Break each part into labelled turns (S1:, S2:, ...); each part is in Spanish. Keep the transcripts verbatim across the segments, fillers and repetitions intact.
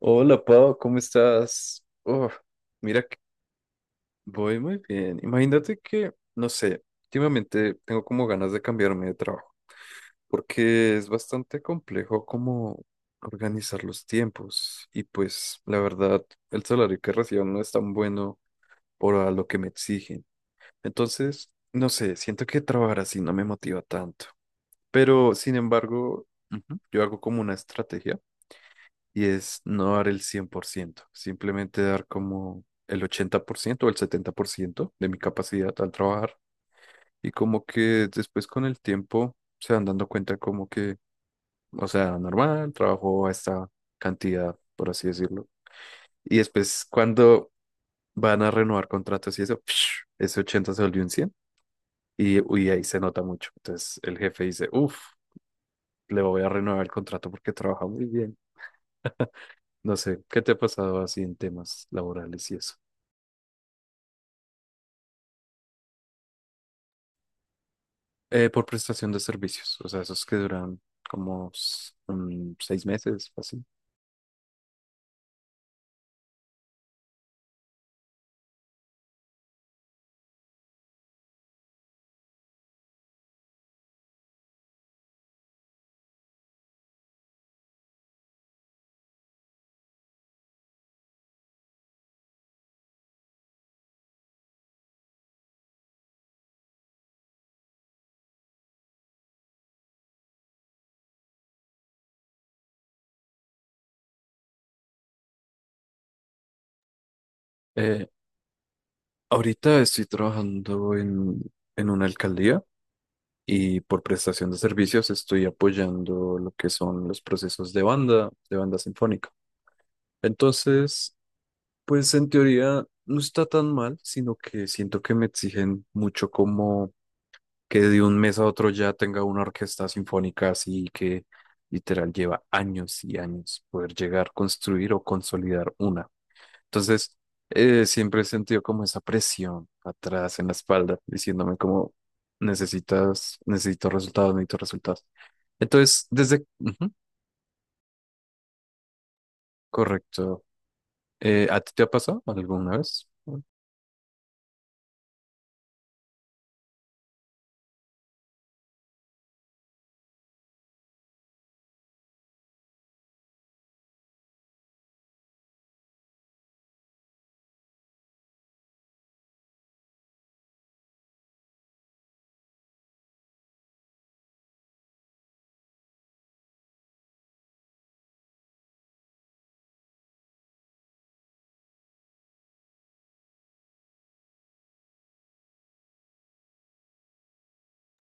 S1: Hola Pau, ¿cómo estás? Oh, mira, que voy muy bien. Imagínate que, no sé, últimamente tengo como ganas de cambiarme de trabajo, porque es bastante complejo como organizar los tiempos y pues la verdad, el salario que recibo no es tan bueno por a lo que me exigen. Entonces, no sé, siento que trabajar así no me motiva tanto, pero sin embargo, ujú, yo hago como una estrategia y es no dar el cien por ciento, simplemente dar como el ochenta por ciento o el setenta por ciento de mi capacidad al trabajar, y como que después con el tiempo se van dando cuenta como que, o sea, normal, trabajo a esta cantidad, por así decirlo. Y después cuando van a renovar contratos y eso, ese ochenta se volvió un cien y, uy, ahí se nota mucho. Entonces el jefe dice, uff, le voy a renovar el contrato porque trabaja muy bien. No sé, ¿qué te ha pasado así en temas laborales y eso? Eh, por prestación de servicios, o sea, esos que duran como s- mm, seis meses, así. Eh, Ahorita estoy trabajando en, en, una alcaldía y por prestación de servicios estoy apoyando lo que son los procesos de banda, de banda sinfónica. Entonces, pues en teoría no está tan mal, sino que siento que me exigen mucho como que de un mes a otro ya tenga una orquesta sinfónica, así que literal lleva años y años poder llegar a construir o consolidar una. Entonces, eh, siempre he sentido como esa presión atrás en la espalda, diciéndome como necesitas, necesito resultados, necesito resultados. Entonces, desde... ujú, correcto. Eh, ¿a ti te ha pasado alguna vez?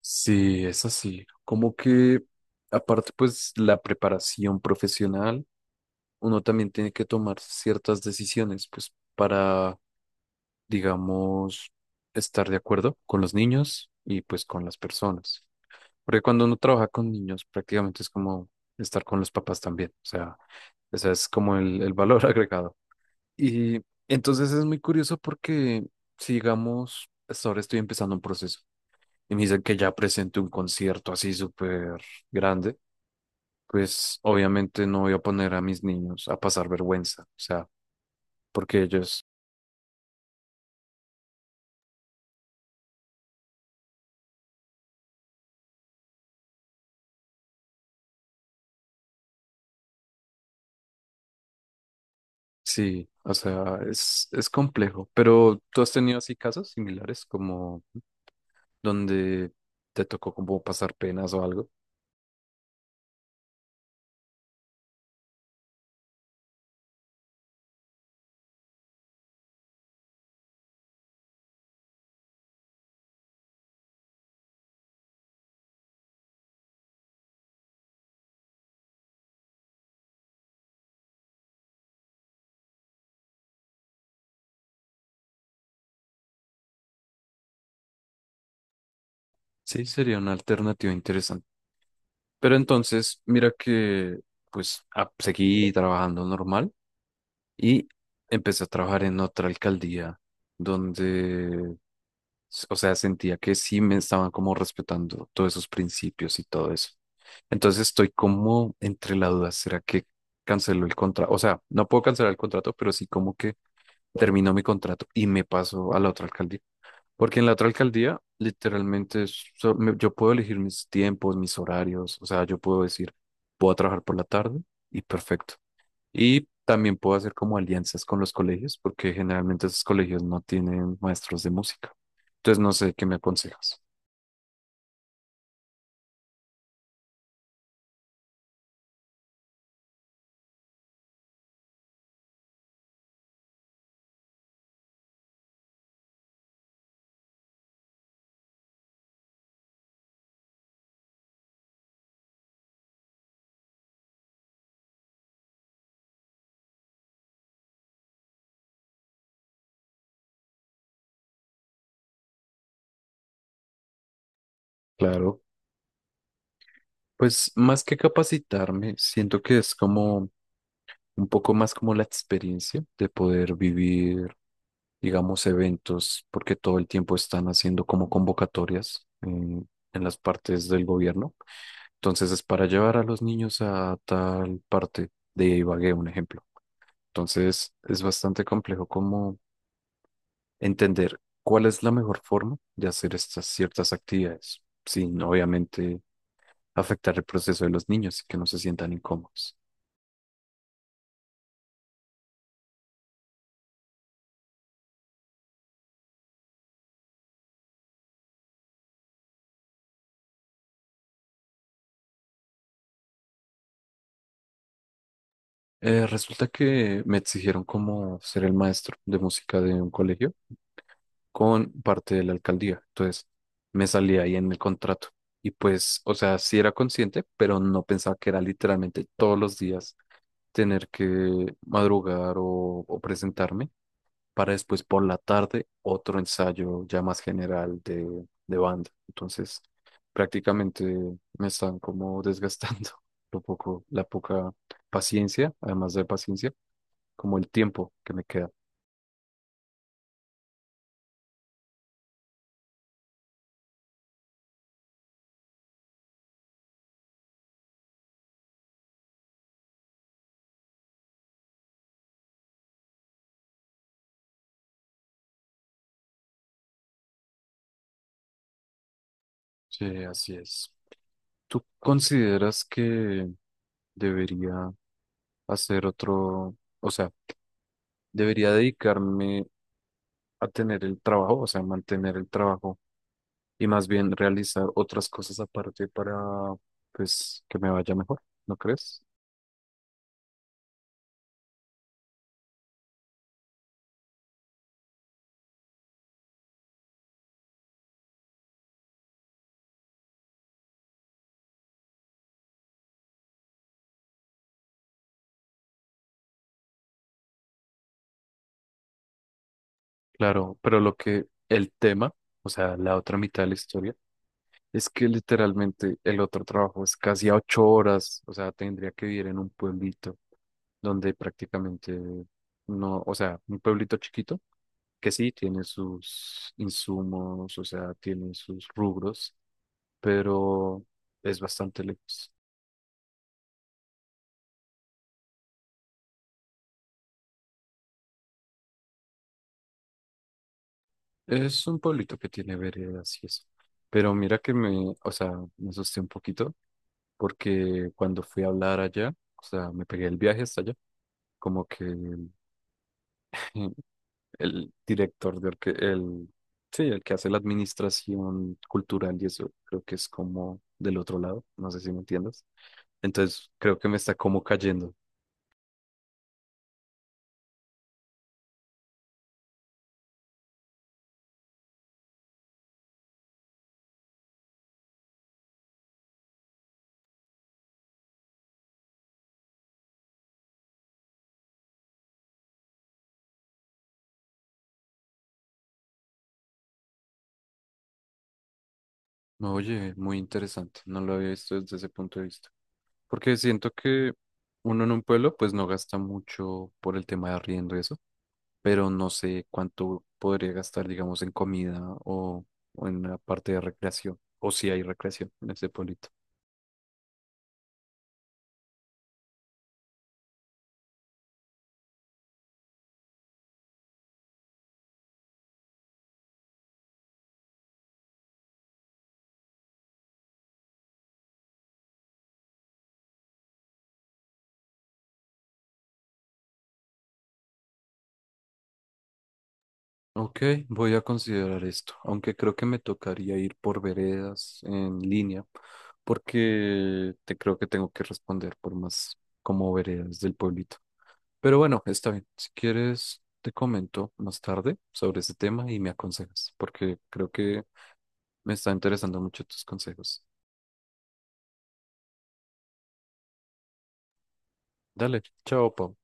S1: Sí, es así. Como que, aparte, pues la preparación profesional, uno también tiene que tomar ciertas decisiones, pues para, digamos, estar de acuerdo con los niños y pues con las personas. Porque cuando uno trabaja con niños, prácticamente es como estar con los papás también. O sea, ese es como el, el valor agregado. Y entonces es muy curioso porque, si digamos, hasta ahora estoy empezando un proceso y me dicen que ya presente un concierto así súper grande, pues obviamente no voy a poner a mis niños a pasar vergüenza. O sea, porque ellos, sí, o sea, es, es complejo, pero tú has tenido así casos similares como donde te tocó como pasar penas o algo. Sí, sería una alternativa interesante. Pero entonces, mira que pues ah, seguí trabajando normal y empecé a trabajar en otra alcaldía donde s- o sea, sentía que sí me estaban como respetando todos esos principios y todo eso. Entonces estoy como entre la duda, ¿será que canceló el contrato? O sea, no puedo cancelar el contrato, pero sí como que terminó mi contrato y me paso a la otra alcaldía. Porque en la otra alcaldía, literalmente, es so- me- yo puedo elegir mis tiempos, mis horarios, o sea, yo puedo decir, voy a trabajar por la tarde y perfecto. Y también puedo hacer como alianzas con los colegios, porque generalmente esos colegios no tienen maestros de música. Entonces no sé qué me aconsejas. Claro, pues más que capacitarme, siento que es como un poco más como la experiencia de poder vivir, digamos, eventos, porque todo el tiempo están haciendo como convocatorias en, en las partes del gobierno. Entonces es para llevar a los niños a tal parte de Ibagué, un ejemplo. Entonces es bastante complejo como entender cuál es la mejor forma de hacer estas ciertas actividades, sin obviamente afectar el proceso de los niños y que no se sientan incómodos. Eh, resulta que me exigieron como ser el maestro de música de un colegio con parte de la alcaldía, entonces me salía ahí en el contrato. Y pues, o sea, sí era consciente, pero no pensaba que era literalmente todos los días tener que madrugar o o presentarme para después por la tarde otro ensayo ya más general de, de banda. Entonces, prácticamente me están como desgastando lo poco, la poca paciencia, además de paciencia, como el tiempo que me queda. Sí, así es. ¿Tú consideras que debería hacer otro, o sea, debería dedicarme a tener el trabajo, o sea, mantener el trabajo, y más bien realizar otras cosas aparte para, pues, que me vaya mejor, ¿no crees? Claro, pero lo que el tema, o sea, la otra mitad de la historia, es que literalmente el otro trabajo es casi a ocho horas, o sea, tendría que vivir en un pueblito donde prácticamente no, o sea, un pueblito chiquito que sí tiene sus insumos, o sea, tiene sus rubros, pero es bastante lejos. Es un pueblito que tiene veredas y eso. Pero mira que me, o sea, me asusté un poquito porque cuando fui a hablar allá, o sea, me pegué el viaje hasta allá, como que el el director de orque- el, sí, el que hace la administración cultural y eso, creo que es como del otro lado, no sé si me entiendas. Entonces, creo que me está como cayendo. No, oye, muy interesante, no lo había visto desde ese punto de vista. Porque siento que uno en un pueblo pues no gasta mucho por el tema de arriendo y eso, pero no sé cuánto podría gastar, digamos, en comida o, o en la parte de recreación, o si hay recreación en ese pueblito. Ok, voy a considerar esto, aunque creo que me tocaría ir por veredas en línea, porque te creo que tengo que responder por más como veredas del pueblito. Pero bueno, está bien. Si quieres, te comento más tarde sobre ese tema y me aconsejas, porque creo que me está interesando mucho tus consejos. Dale, chao, Pau.